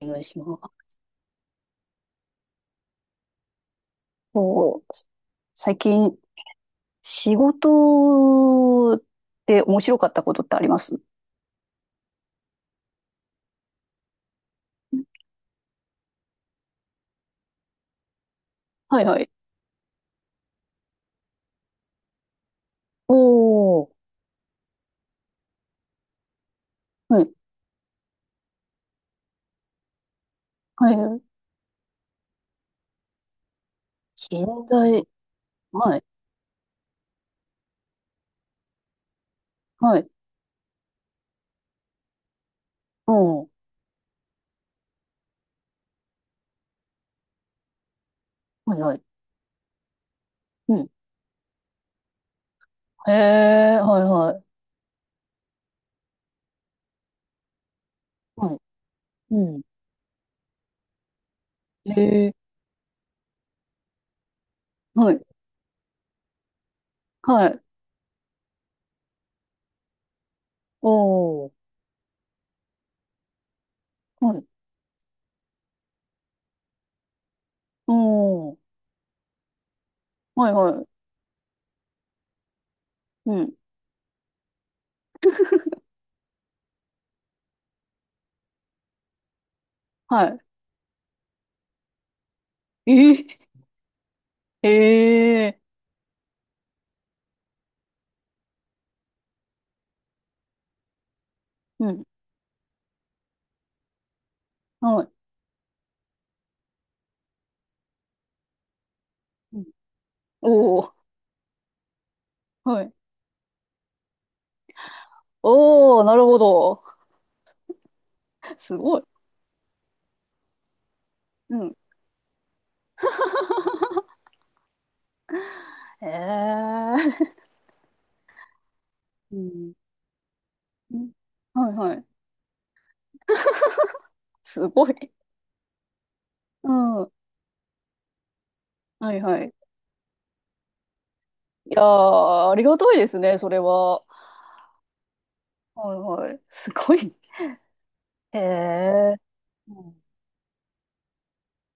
お願いします。こう、最近、仕事で面白かったことってあります？はいはい。おー、はい。はい。人材、はい。はい。うん。はいはい。うん。へえ、はいはい。はいうん、い。へえ、はい。はい。おー、はい。うん。はいはい。うん。はいはいはうんいへえはいはいおーはいおんはいはいうんはいええ、へーうん。はい。うんおお、はい。おお、なるほど。すごい。うん。へえ。うん。んはいはい。すごい。うん。はいはい。いやー、ありがたいですね、それは。はいはい。すごい。へえ。うん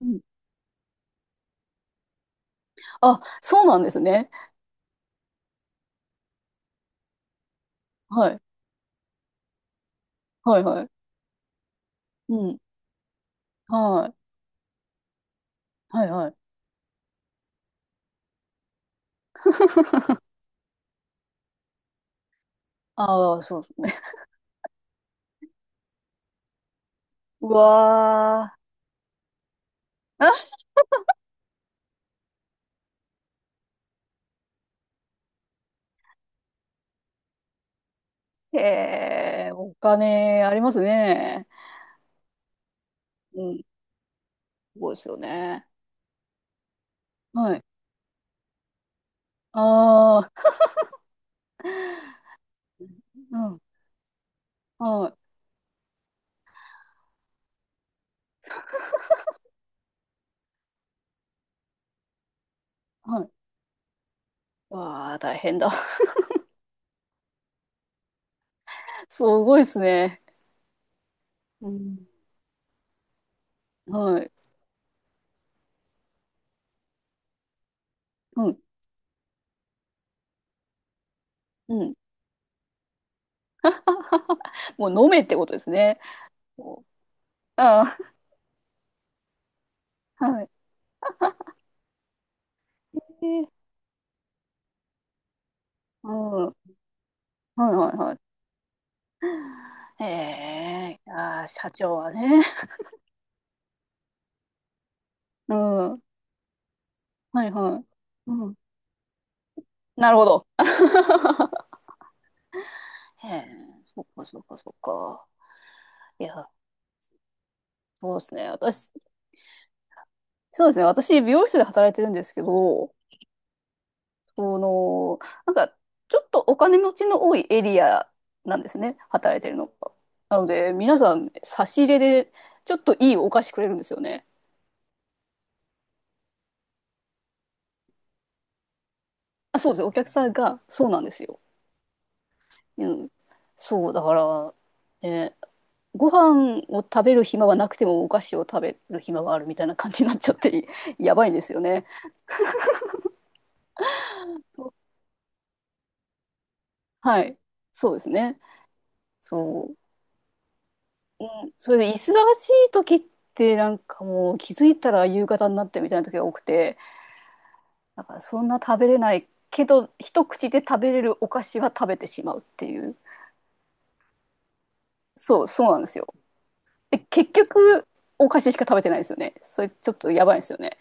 うん。あ、そうなんですね。はい。はいはい。うん。はい。はいはい。ああ、そうですね。うわー。あへえ、お金ありますね。うん。すごいですよね。はい。ああ。うん。はい。はい。わあ、大変だ。すごいですね。うん。はい。うん。うん。もう飲めってことですね。もうああ、はい。えーうん。はいはいはい。ええ、ああ、社長はね。うん。はいはい。うん。なるほど。へえ、そっかそっかそっか。いや、そうですね。私、そうですね。私、美容室で働いてるんですけど、あの、なんか、ちょっとお金持ちの多いエリアなんですね、働いてるのが。なので、皆さん、差し入れで、ちょっといいお菓子くれるんですよね。あ、そうです。お客さんが、そうなんですよ。うん。そう、だから、ね、ご飯を食べる暇はなくても、お菓子を食べる暇があるみたいな感じになっちゃって、やばいんですよね。はい。そうですね。そう。うん。それで、忙しい時って、なんかもう、気づいたら夕方になってみたいな時が多くて、だからそんな食べれないけど一口で食べれるお菓子は食べてしまうっていう。そうそうなんですよ。で結局お菓子しか食べてないですよね。それちょっとやばいですよね。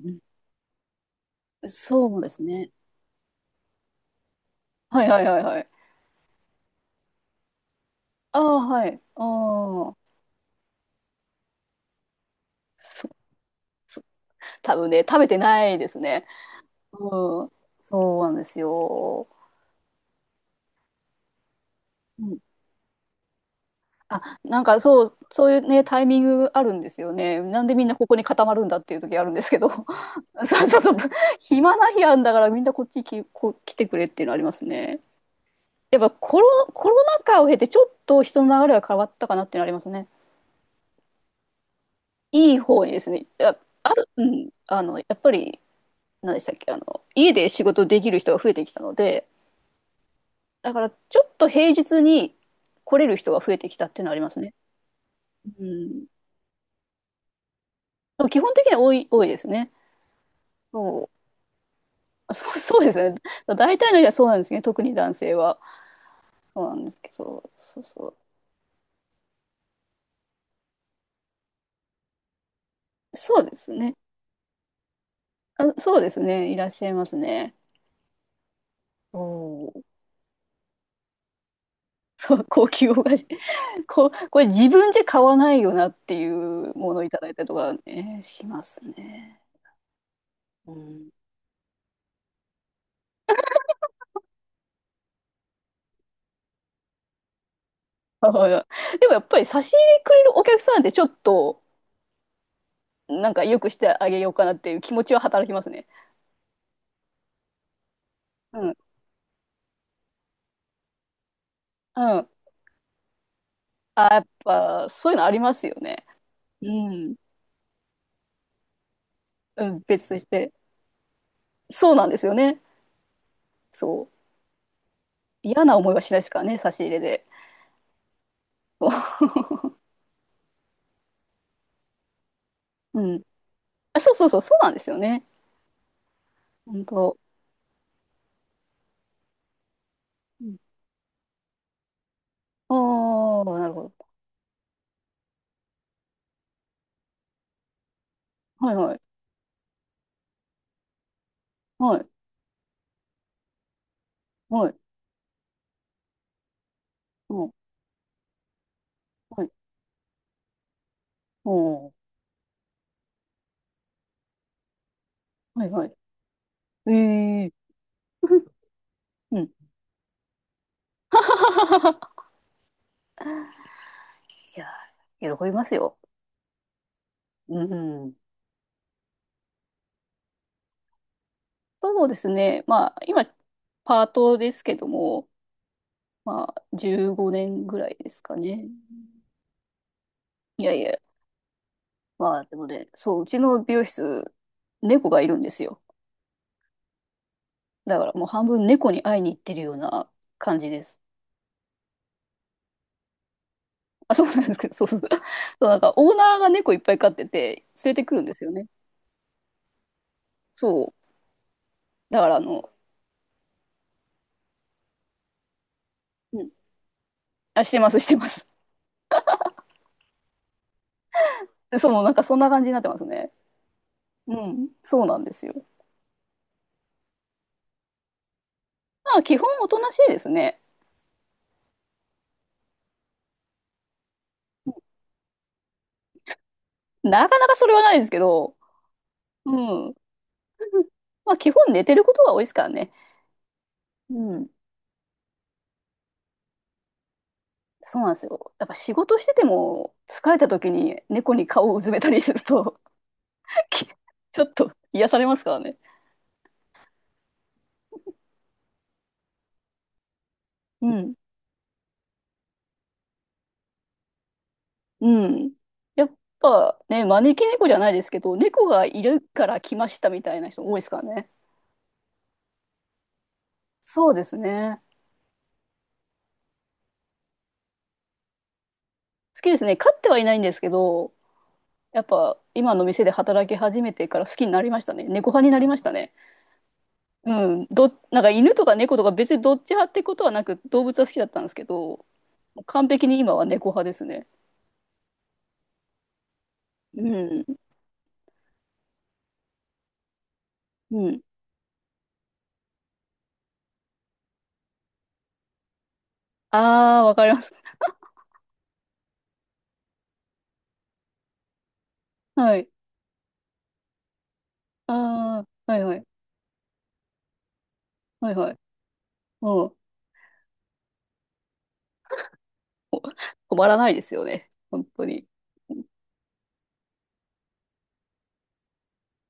うん。そうですね。はいはいはいはい。ああはいああ。そう、多分ね食べてないですね。うん。そうなんですよ。うん。あ、なんかそう、そういうね、タイミングあるんですよね。なんでみんなここに固まるんだっていう時あるんですけど。そうそうそう。暇な日あるんだから、みんなこっちき、こう来てくれっていうのありますね。やっぱコロナ禍を経てちょっと人の流れが変わったかなっていうのありますね。いい方にですね。や、ある、うん、やっぱり、何でしたっけ、家で仕事できる人が増えてきたので、だからちょっと平日に来れる人が増えてきたっていうのはありますね。うん。でも基本的には多い、多いですね。そう、あそう、そうですね。大体の人はそうなんですね。特に男性は。そうなんですけど。そうそう。そうですね。あ、そうですね。いらっしゃいますね。おお。そう、高級お菓子。これ自分じゃ買わないよなっていうものをいただいたりとかね、しますね。うん。だから、でもやっぱり差し入れくれるお客さんってちょっと、なんか良くしてあげようかなっていう気持ちは働きますね。うん。うん。あ、やっぱ、そういうのありますよね。うん。うん、別として。そうなんですよね。そう。嫌な思いはしないですからね、差し入れで。そうん。あ、そうそうそう、そうなんですよね。本当。うん。ああ、なるほど。はいはい。はい。はい。うん。はい。おーはいはい。ええ。 うん。いやー、喜びますよ。うん。そうですね。まあ、今、パートですけども、まあ、15年ぐらいですかね。いやいや。まあ、でもね、そう、うちの美容室、猫がいるんですよ。だからもう半分猫に会いに行ってるような感じです。あ、そうなんですけど、そうそう。そう、なんかオーナーが猫いっぱい飼ってて、連れてくるんですよね。そう。だからあの、うん。あ、してます、してます。そう、もうなんかそんな感じになってますね。うん。そうなんですよ。まあ基本おとなしいですね。なかなかそれはないですけど、うん。まあ基本寝てることが多いですからね。うん。そうなんですよ。やっぱ仕事してても疲れた時に猫に顔をうずめたりすると、 ちょっと癒されますからね。うん。うん。やっぱね、招き猫じゃないですけど、猫がいるから来ましたみたいな人多いですからね。そうですね。好きですね。飼ってはいないんですけど、やっぱ今の店で働き始めてから好きになりましたね。猫派になりましたね。うん。なんか犬とか猫とか別にどっち派ってことはなく動物は好きだったんですけど、完璧に今は猫派ですね。うん。うん。ああ、わかります。はい。ああ、はいはい。はいはい。うん。止まらないですよね。本当に。